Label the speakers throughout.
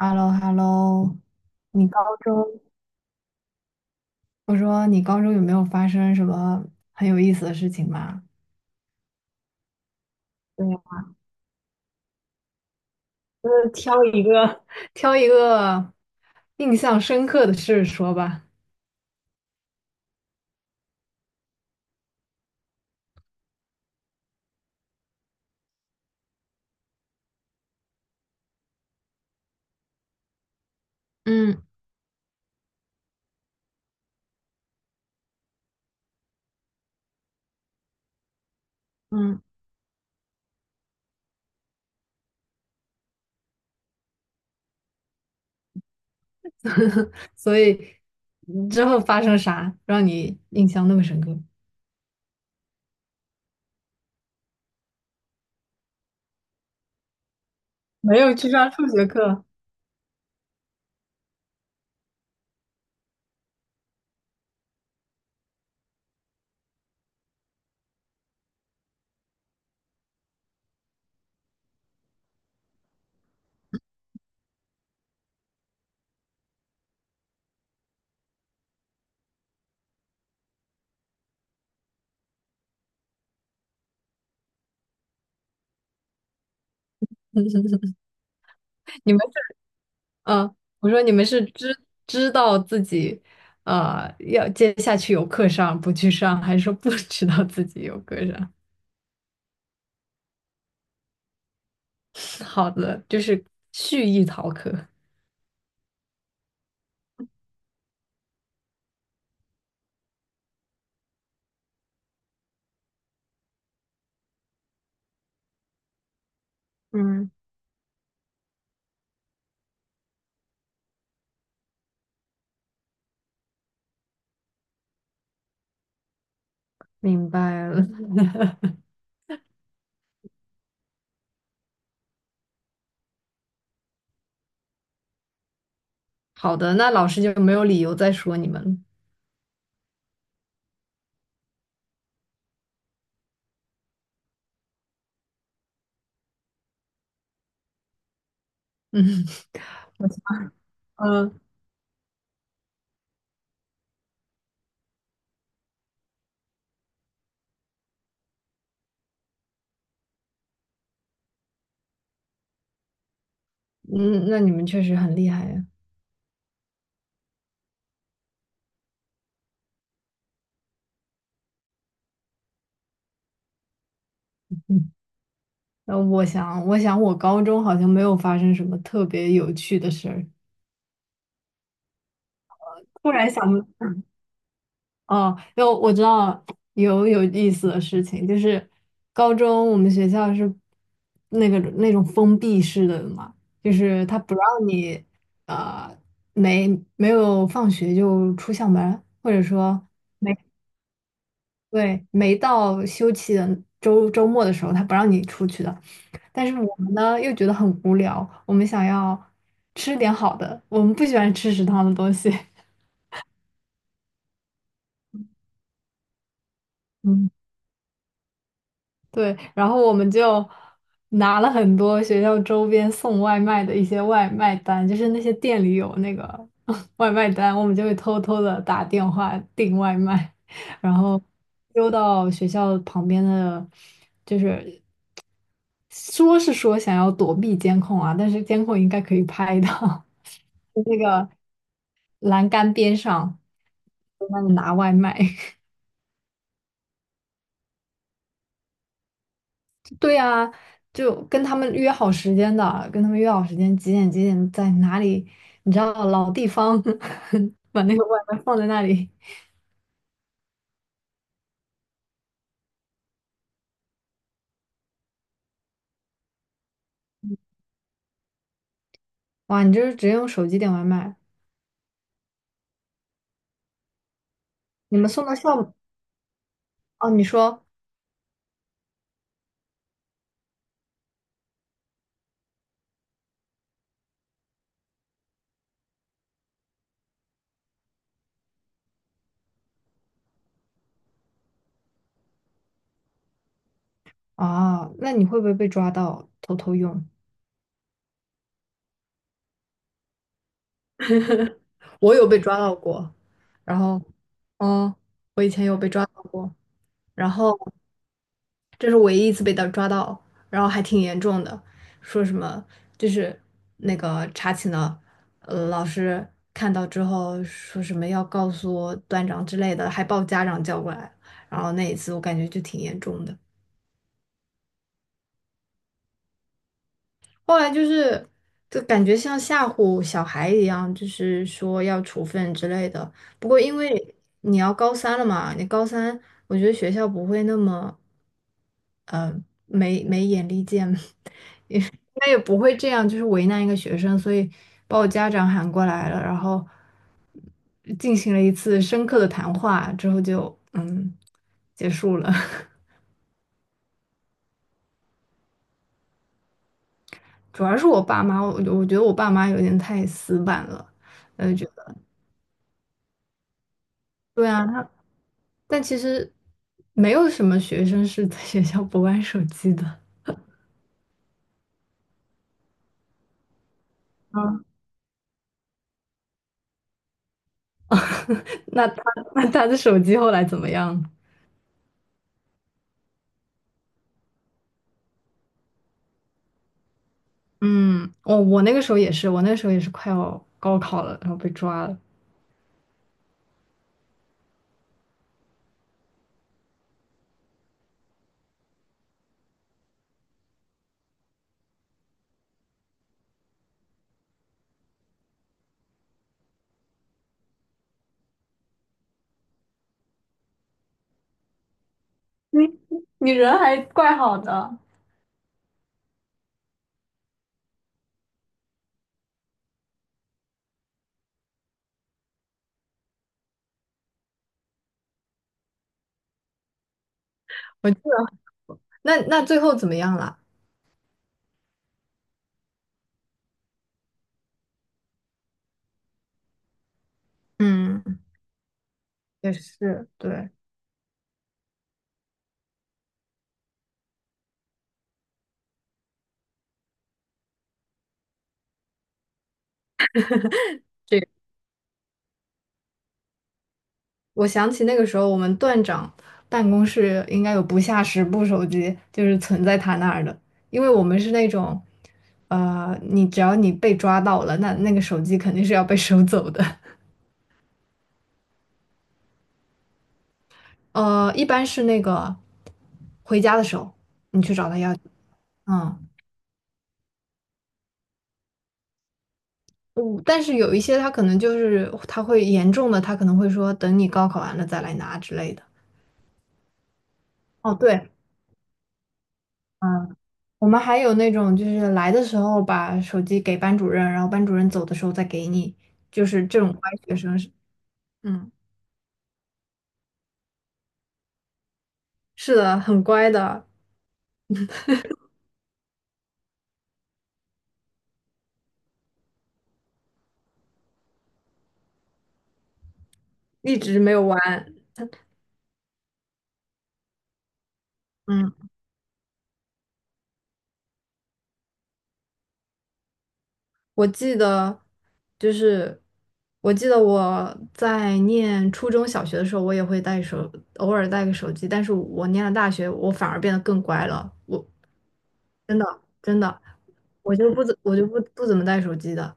Speaker 1: h e l l o h e l l o 你高中，我说你高中有没有发生什么很有意思的事情吗？对呀，就是挑一个，挑一个印象深刻的事说吧。嗯嗯，所以之后发生啥让你印象那么深刻？没有去上数学课。你们，啊，我说你们是知道自己，要接下去有课上不去上，还是说不知道自己有课上？好的，就是蓄意逃课。嗯，明白了。好的，那老师就没有理由再说你们了。嗯，我想。嗯嗯，那你们确实很厉害呀。嗯，那我想，我想我高中好像没有发生什么特别有趣的事儿。突然想，哦，有，我知道有有意思的事情，就是高中我们学校是那个那种封闭式的嘛，就是他不让你，呃没没有放学就出校门，或者说，没对没到休息的周末的时候，他不让你出去的。但是我们呢又觉得很无聊，我们想要吃点好的，我们不喜欢吃食堂的东西。嗯。对，然后我们就拿了很多学校周边送外卖的一些外卖单，就是那些店里有那个 外卖单，我们就会偷偷的打电话订外卖，然后溜到学校旁边的，就是说是说想要躲避监控啊，但是监控应该可以拍到 那个栏杆边上，在那里拿外卖。对呀，就跟他们约好时间的，跟他们约好时间几点几点在哪里，你知道老地方 把那个外卖放在那里。哇，你就是直接用手机点外卖？你们送到校。哦？你说，啊，那你会不会被抓到偷偷用？我有被抓到过，然后，嗯，我以前有被抓到过，然后，这是唯一一次被他抓到，然后还挺严重的，说什么，就是那个查寝的，呃，老师看到之后说什么要告诉段长之类的，还把我家长叫过来，然后那一次我感觉就挺严重的。后来就是，就感觉像吓唬小孩一样，就是说要处分之类的。不过因为你要高三了嘛，你高三我觉得学校不会那么，呃没眼力见。他也不会这样，就是为难一个学生，所以把我家长喊过来了，然后进行了一次深刻的谈话，之后就结束了。主要是我爸妈，我觉得我爸妈有点太死板了，呃，觉得，对啊，他，但其实没有什么学生是在学校不玩手机的。嗯，那他，那他的手机后来怎么样？嗯，我那个时候也是，我那个时候也是快要高考了，然后被抓了。你，你人还怪好的，我记得，那那最后怎么样了？嗯，也是，对，这，我想起那个时候我们段长办公室应该有不下十部手机，就是存在他那儿的，因为我们是那种，呃，你只要你被抓到了，那那个手机肯定是要被收走的。呃，一般是那个回家的时候你去找他要，嗯。嗯，但是有一些他可能就是他会严重的，他可能会说等你高考完了再来拿之类的。哦，对，嗯，我们还有那种就是来的时候把手机给班主任，然后班主任走的时候再给你，就是这种乖学生，是，嗯，是的，很乖的，一直没有玩。嗯，我记得，就是我记得我在念初中小学的时候，我也会带手，偶尔带个手机。但是我念了大学，我反而变得更乖了。我真的真的，我就不怎我就不不怎么带手机的，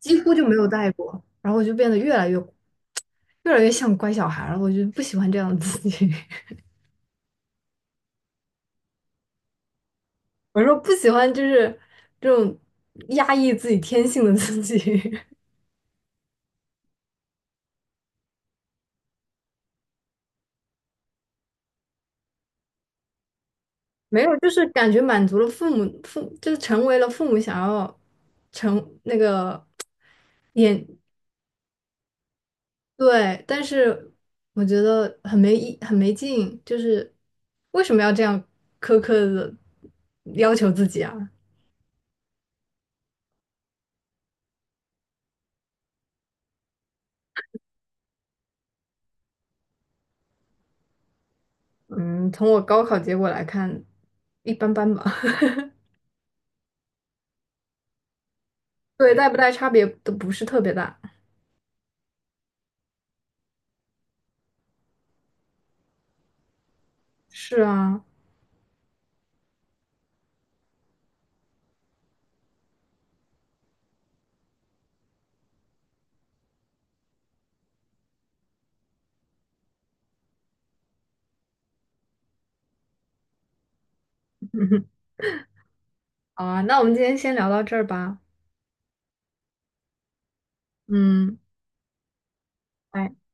Speaker 1: 几乎就没有带过，然后我就变得越来越像乖小孩了，我就不喜欢这样的自己，我说不喜欢就是这种压抑自己天性的自己，没有，就是感觉满足了父母,就是成为了父母想要成那个眼，对，但是我觉得很没劲，就是为什么要这样苛刻的要求自己啊？嗯，从我高考结果来看，一般般吧。对，带不带差别都不是特别大。是啊，好啊，那我们今天先聊到这儿吧。嗯。拜。